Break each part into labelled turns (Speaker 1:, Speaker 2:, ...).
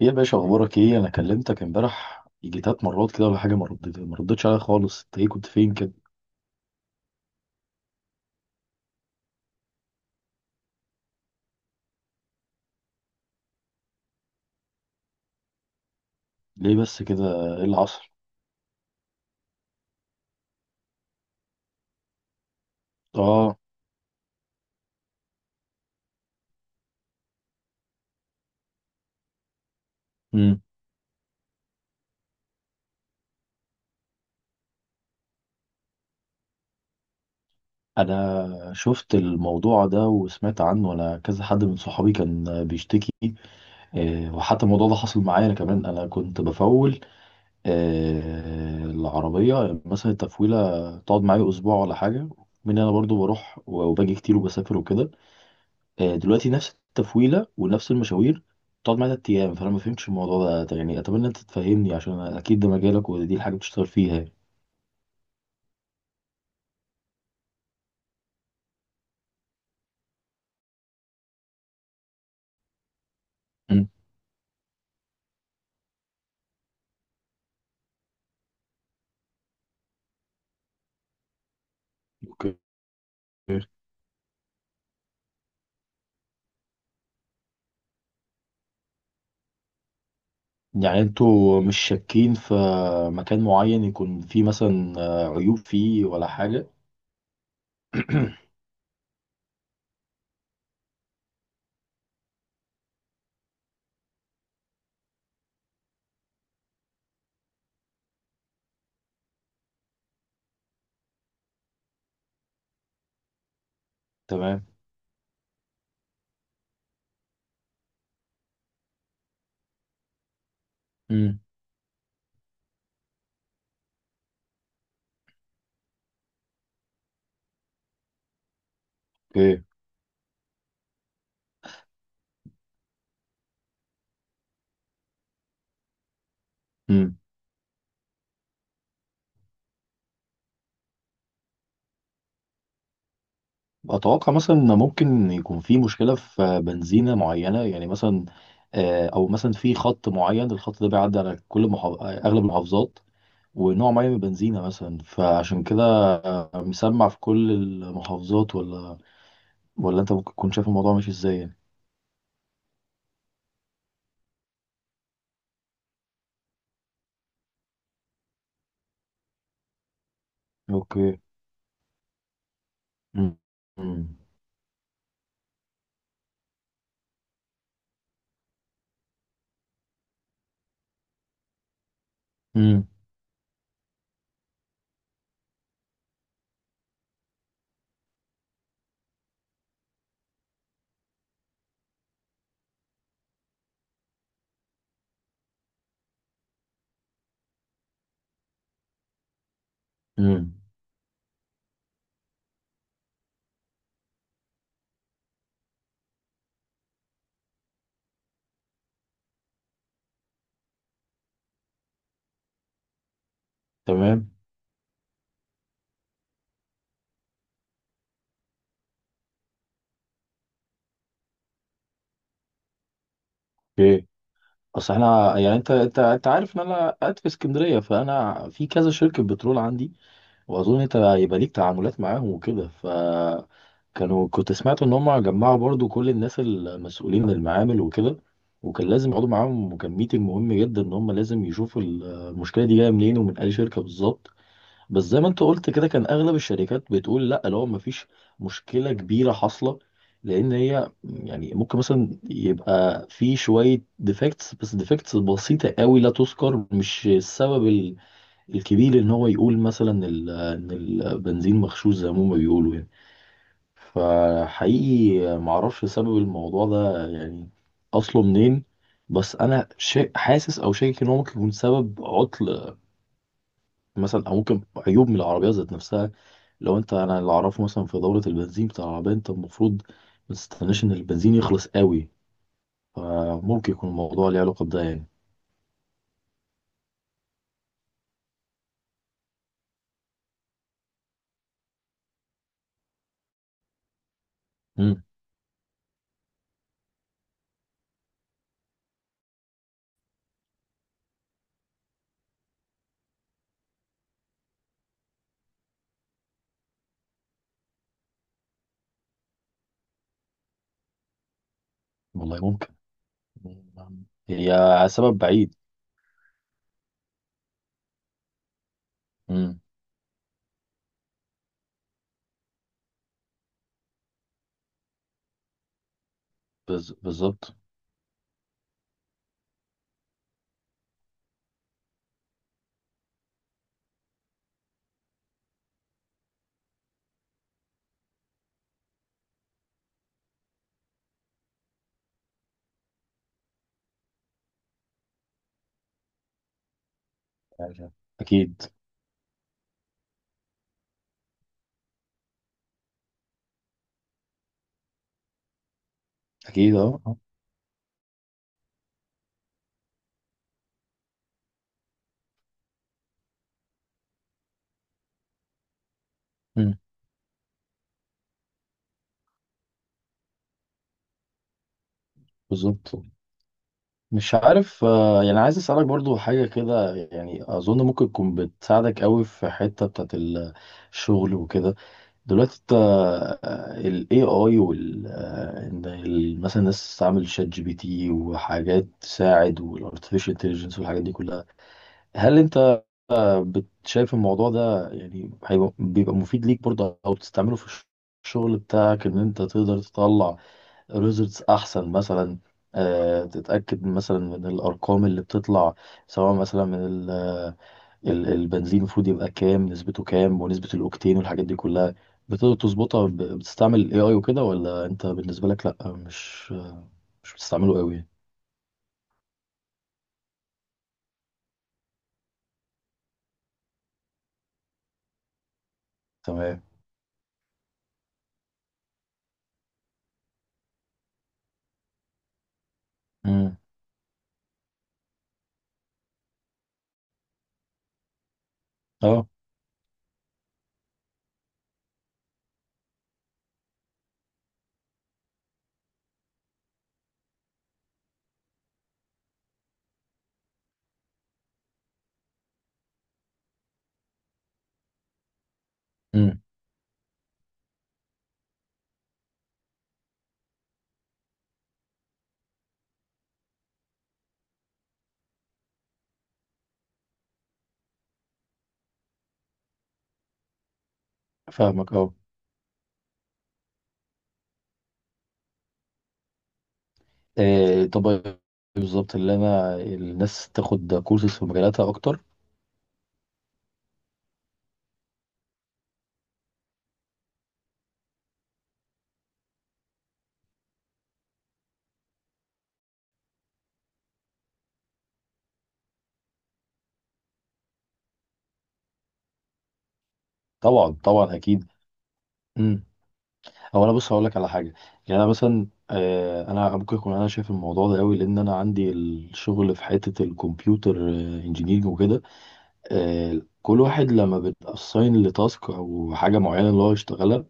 Speaker 1: ايه يا باشا، اخبارك ايه؟ انا كلمتك امبارح يجي تلات مرات كده ولا حاجه، ما ردتش عليا خالص. انت ايه كنت فين كده؟ ليه بس كده؟ ايه اللي حصل؟ اه. امم انا شفت الموضوع ده وسمعت عنه، انا كذا حد من صحابي كان بيشتكي. وحتى الموضوع ده حصل معايا انا كمان، انا كنت بفول. العربيه مثلا، التفويله تقعد معايا اسبوع ولا حاجه، من انا برضو بروح وباجي كتير وبسافر وكده. دلوقتي نفس التفويله ونفس المشاوير تقعد معايا تلات ايام، فانا ما فهمتش الموضوع ده. طب يعني اتمنى انت تفهمني، عشان اكيد ده مجالك ودي الحاجه اللي بتشتغل فيها يعني. مم. اوكي. يعني انتوا مش شاكين في مكان معين يكون فيه مثلا عيوب فيه ولا حاجه؟ تمام. مم. اوكي. امم اتوقع مثلا ان ممكن يكون في مشكله في بنزينه معينه يعني، مثلا او مثلا في خط معين، الخط ده بيعدي على اغلب المحافظات ونوع معين من البنزينة مثلا، فعشان كده مسمع في كل المحافظات، ولا انت ممكن تكون شايف الموضوع ماشي ازاي يعني؟ اوكي. مم. مم. مم. مم. تمام. اوكي. اصل احنا يعني، انت عارف ان انا قاعد في اسكندرية، فانا في كذا شركة بترول عندي، واظن انت هيبقى ليك تعاملات معاهم وكده. ف كنت سمعت ان هم جمعوا برضو كل الناس المسؤولين من المعامل وكده، وكان لازم يقعدوا معاهم، وكان ميتنج مهم جدا ان هم لازم يشوفوا المشكله دي جايه منين ومن اي شركه بالظبط. بس زي ما انت قلت كده، كان اغلب الشركات بتقول لا، لو ما فيش مشكله كبيره حاصله، لان هي يعني ممكن مثلا يبقى في شويه ديفكتس، بس ديفكتس بسيطه قوي لا تذكر، مش السبب الكبير ان هو يقول مثلا ان البنزين مغشوش زي ما هما بيقولوا يعني. فحقيقي معرفش سبب الموضوع ده يعني اصله منين. بس انا حاسس او شاكك ان هو ممكن يكون سبب عطل مثلا، او ممكن عيوب من العربيه ذات نفسها. لو انت انا اللي اعرفه مثلا، في دوره البنزين بتاع العربيه، انت المفروض ما تستناش ان البنزين يخلص قوي، فممكن يكون الموضوع ليه علاقه بده يعني. امم والله ممكن، هي سبب بعيد. امم بالظبط. يعني اكيد. اكيد. اه. آه. مم. بالظبط. مش عارف. يعني عايز اسالك برضو حاجه كده، يعني اظن ممكن تكون بتساعدك قوي في حته بتاعت الشغل وكده. دلوقتي انت الاي اي وال آه، إن مثلا الناس تستعمل شات جي بي تي وحاجات تساعد والارتفيشال انتليجنس والحاجات دي كلها، هل انت شايف الموضوع ده يعني هيبقى بيبقى مفيد ليك برضه، او بتستعمله في الشغل بتاعك، ان انت تقدر تطلع ريزلتس احسن مثلا، تتاكد مثلا من الارقام اللي بتطلع، سواء مثلا من البنزين المفروض يبقى كام، نسبته كام ونسبه الاوكتين والحاجات دي كلها، بتقدر تظبطها بتستعمل الاي اي وكده؟ ولا انت بالنسبه لك لا، مش بتستعمله قوي؟ تمام. امم. اه. امم. فاهمك. اه. طب بالظبط اللي الناس تاخد كورسز في مجالاتها اكتر. طبعا، طبعا. اكيد. هو انا بص هقول لك على حاجه. يعني انا مثلا، انا ممكن اكون انا شايف الموضوع ده قوي لان انا عندي الشغل في حته الكمبيوتر انجينيرنج وكده. كل واحد لما بتاساين لتاسك او حاجه معينه اللي هو يشتغلها،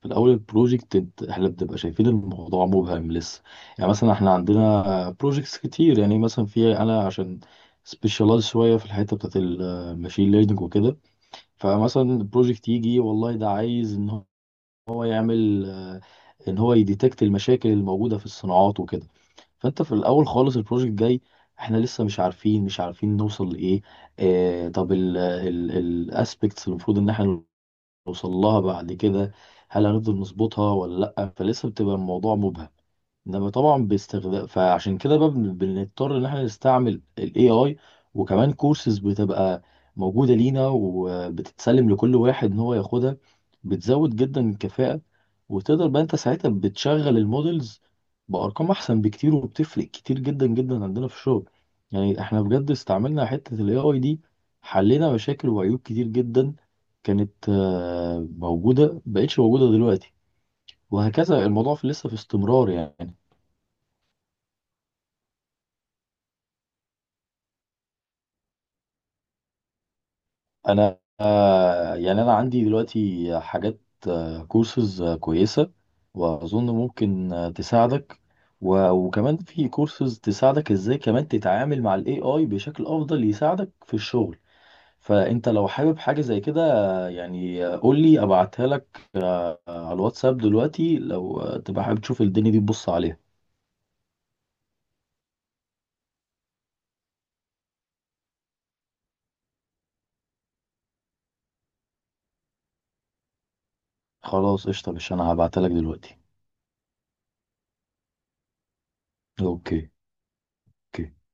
Speaker 1: في الاول البروجكت احنا بنبقى شايفين الموضوع مبهم لسه. يعني مثلا احنا عندنا بروجكتس كتير، يعني مثلا انا عشان سبيشالايز شويه في الحته بتاعت الماشين ليرنينج وكده، فمثلا البروجكت يجي والله ده عايز هو يعمل آه، ان هو يديتكت المشاكل الموجوده في الصناعات وكده. فانت في الاول خالص، البروجكت جاي، احنا لسه مش عارفين نوصل لايه. طب الاسبكتس اللي المفروض ان احنا نوصل لها بعد كده، هل هنفضل نظبطها ولا لا؟ فلسه بتبقى الموضوع مبهم. ده طبعا باستخدام، فعشان كده بقى بنضطر ان احنا نستعمل الاي اي، وكمان كورسز بتبقى موجودة لينا وبتتسلم لكل واحد ان هو ياخدها، بتزود جدا الكفاءة. وتقدر بقى انت ساعتها بتشغل المودلز بأرقام احسن بكتير، وبتفرق كتير جدا جدا عندنا في الشغل. يعني احنا بجد استعملنا حتة الاي اي دي، حلينا مشاكل وعيوب كتير جدا كانت موجودة، مبقتش موجودة دلوقتي، وهكذا الموضوع في لسه في استمرار يعني. انا يعني انا عندي دلوقتي حاجات، كورسز كويسه واظن ممكن تساعدك، وكمان في كورسز تساعدك ازاي كمان تتعامل مع الاي اي بشكل افضل يساعدك في الشغل. فانت لو حابب حاجه زي كده، يعني قول لي ابعتها لك على الواتساب دلوقتي، لو تبقى حابب تشوف الدنيا دي تبص عليها. خلاص قشطه، مش انا هبعتها لك دلوقتي. اوكي. اوكي.